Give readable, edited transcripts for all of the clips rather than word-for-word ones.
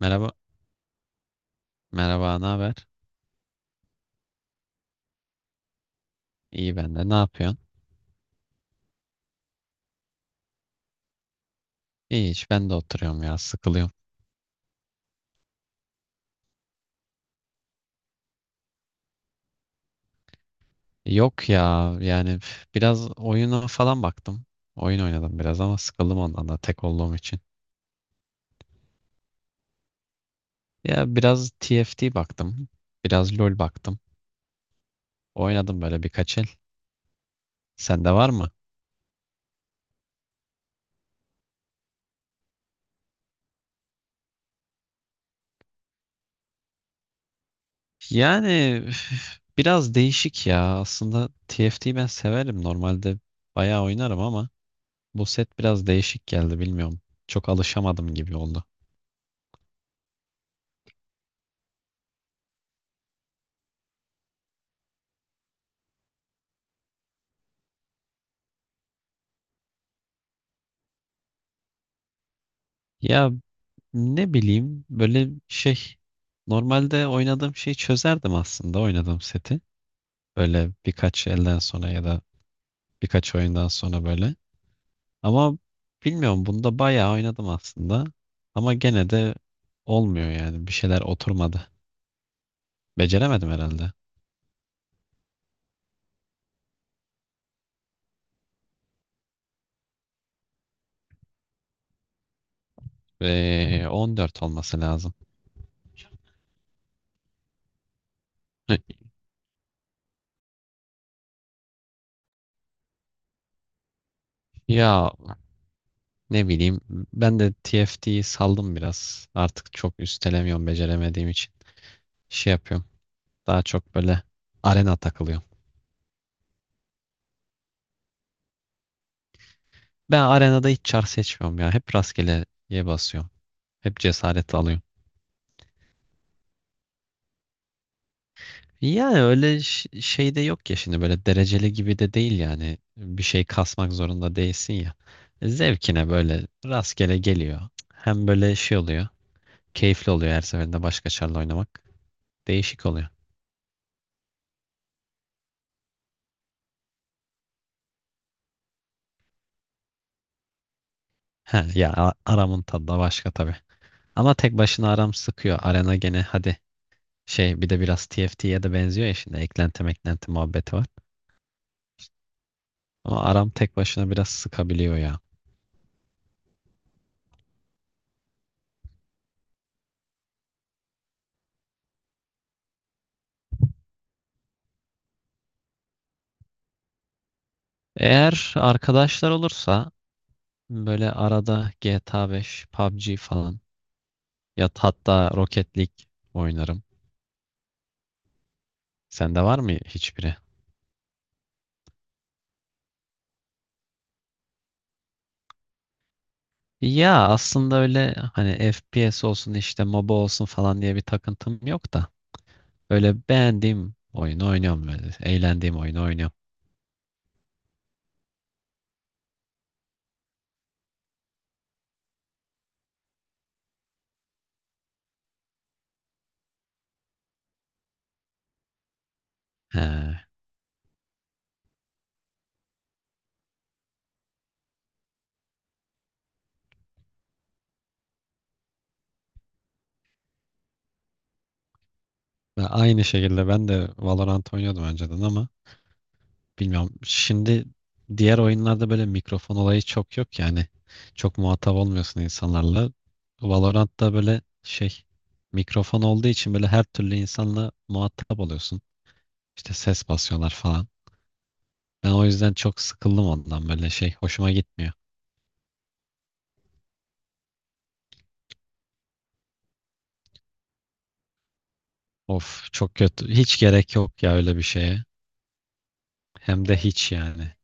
Merhaba. Merhaba, ne haber? İyi ben de. Ne yapıyorsun? İyi hiç ben de oturuyorum ya sıkılıyorum. Yok ya yani biraz oyuna falan baktım. Oyun oynadım biraz ama sıkıldım ondan da tek olduğum için. Ya biraz TFT baktım. Biraz LoL baktım. Oynadım böyle birkaç el. Sende var mı? Yani biraz değişik ya. Aslında TFT'yi ben severim. Normalde bayağı oynarım ama bu set biraz değişik geldi bilmiyorum. Çok alışamadım gibi oldu. Ya ne bileyim böyle şey normalde oynadığım şeyi çözerdim aslında oynadığım seti. Böyle birkaç elden sonra ya da birkaç oyundan sonra böyle. Ama bilmiyorum bunda bayağı oynadım aslında. Ama gene de olmuyor yani. Bir şeyler oturmadı. Beceremedim herhalde. Ve 14 olması lazım. Hı. Ya ne bileyim ben de TFT'yi saldım biraz. Artık çok üstelemiyorum beceremediğim için. Şey yapıyorum. Daha çok böyle arena takılıyorum. Ben arenada hiç çar seçmiyorum ya. Hep rastgeleye basıyorum. Hep cesaret alıyorum. Yani öyle şey de yok ya şimdi böyle dereceli gibi de değil yani. Bir şey kasmak zorunda değilsin ya. Zevkine böyle rastgele geliyor. Hem böyle şey oluyor. Keyifli oluyor her seferinde başka çarla oynamak. Değişik oluyor. He ya aramın tadı da başka tabii. Ama tek başına aram sıkıyor. Arena gene hadi şey bir de biraz TFT'ye de benziyor ya şimdi eklenti meklenti muhabbeti var. Ama aram tek başına biraz sıkabiliyor ya. Eğer arkadaşlar olursa böyle arada GTA 5, PUBG falan ya hatta Rocket League oynarım. Sende var mı hiçbiri? Ya aslında öyle hani FPS olsun işte MOBA olsun falan diye bir takıntım yok da öyle beğendiğim oyunu oynuyorum böyle. Eğlendiğim oyunu oynuyorum. He. Ve aynı şekilde ben de Valorant oynuyordum önceden ama bilmiyorum. Şimdi diğer oyunlarda böyle mikrofon olayı çok yok yani. Çok muhatap olmuyorsun insanlarla. Valorant'ta böyle şey mikrofon olduğu için böyle her türlü insanla muhatap oluyorsun. İşte ses basıyorlar falan. Ben o yüzden çok sıkıldım ondan böyle şey hoşuma gitmiyor. Of çok kötü. Hiç gerek yok ya öyle bir şeye. Hem de hiç yani.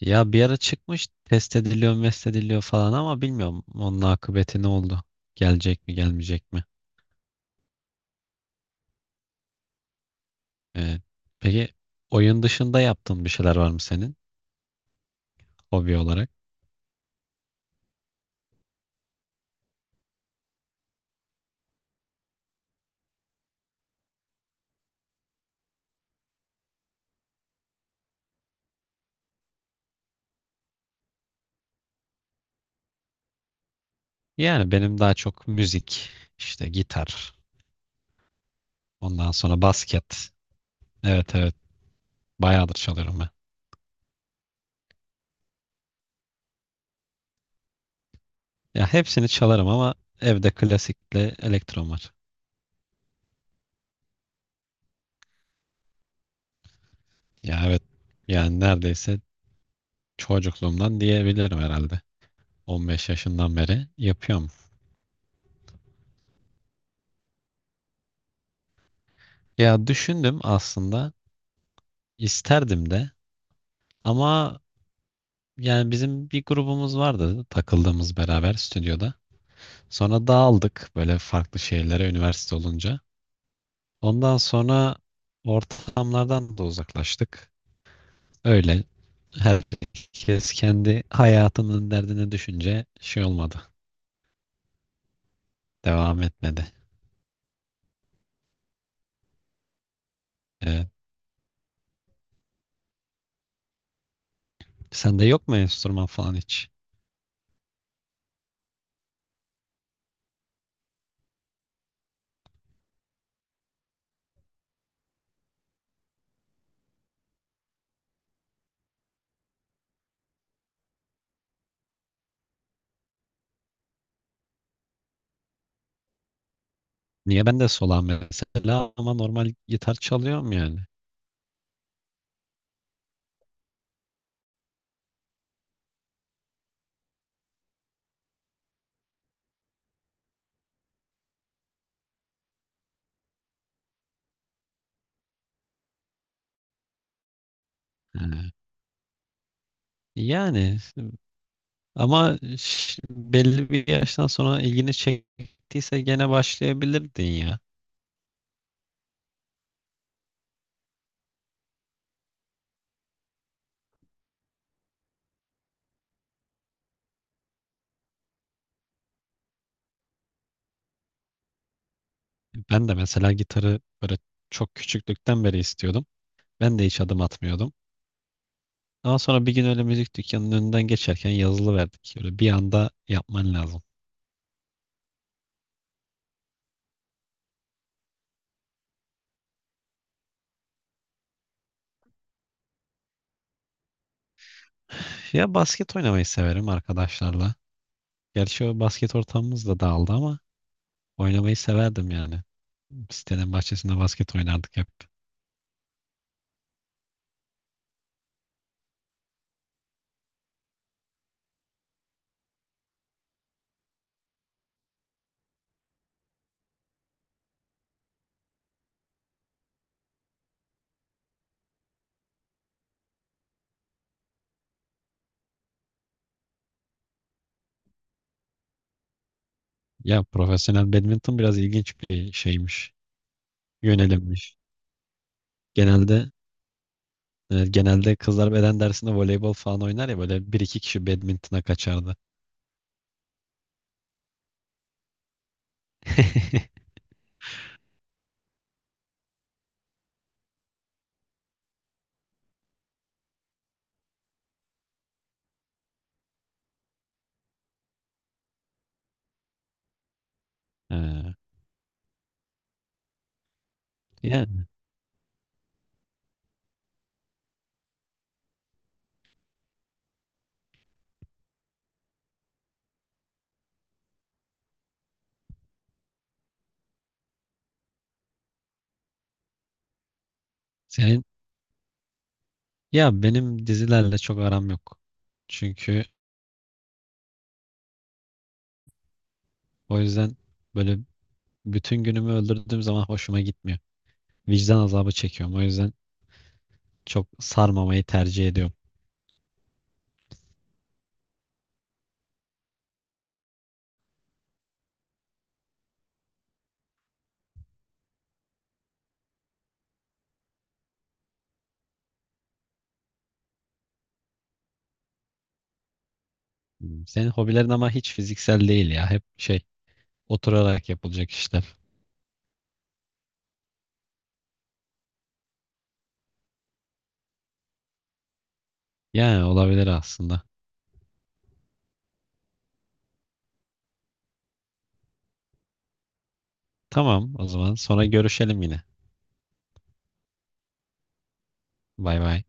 Ya bir ara çıkmış test ediliyor, mest ediliyor falan ama bilmiyorum onun akıbeti ne oldu? Gelecek mi, gelmeyecek mi? Ee, peki oyun dışında yaptığın bir şeyler var mı senin hobi olarak? Yani benim daha çok müzik, işte gitar, ondan sonra basket. Evet, evet, bayağıdır çalıyorum ben. Ya hepsini çalarım ama evde klasikle elektron var. Ya evet yani neredeyse çocukluğumdan diyebilirim herhalde. 15 yaşından beri yapıyorum. Ya düşündüm aslında isterdim de ama yani bizim bir grubumuz vardı takıldığımız beraber stüdyoda. Sonra dağıldık böyle farklı şehirlere üniversite olunca. Ondan sonra ortamlardan da uzaklaştık. Öyle herkes kendi hayatının derdine düşünce şey olmadı. Devam etmedi. Ee, sende yok mu enstrüman falan hiç? Niye ben de solağım mesela ama normal gitar çalıyorum yani. Ee, yani ama belli bir yaştan sonra ilgini çektiyse gene başlayabilirdin ya. Ben de mesela gitarı böyle çok küçüklükten beri istiyordum. Ben de hiç adım atmıyordum. Ama sonra bir gün öyle müzik dükkanının önünden geçerken yazılı verdik. Böyle bir anda yapman lazım. Ya basket oynamayı severim arkadaşlarla. Gerçi o basket ortamımız da dağıldı ama oynamayı severdim yani. Sitenin bahçesinde basket oynardık hep. Ya profesyonel badminton biraz ilginç bir şeymiş. Yönelimmiş. Genelde, evet, genelde kızlar beden dersinde voleybol falan oynar ya böyle bir iki kişi badmintona kaçardı. Ha, ya senin ya benim dizilerle çok aram yok. Çünkü o yüzden böyle bütün günümü öldürdüğüm zaman hoşuma gitmiyor. Vicdan azabı çekiyorum. O yüzden çok sarmamayı tercih ediyorum. Senin hobilerin ama hiç fiziksel değil ya. Hep şey oturarak yapılacak işler. Yani olabilir aslında. Tamam o zaman sonra görüşelim yine. Bay bay.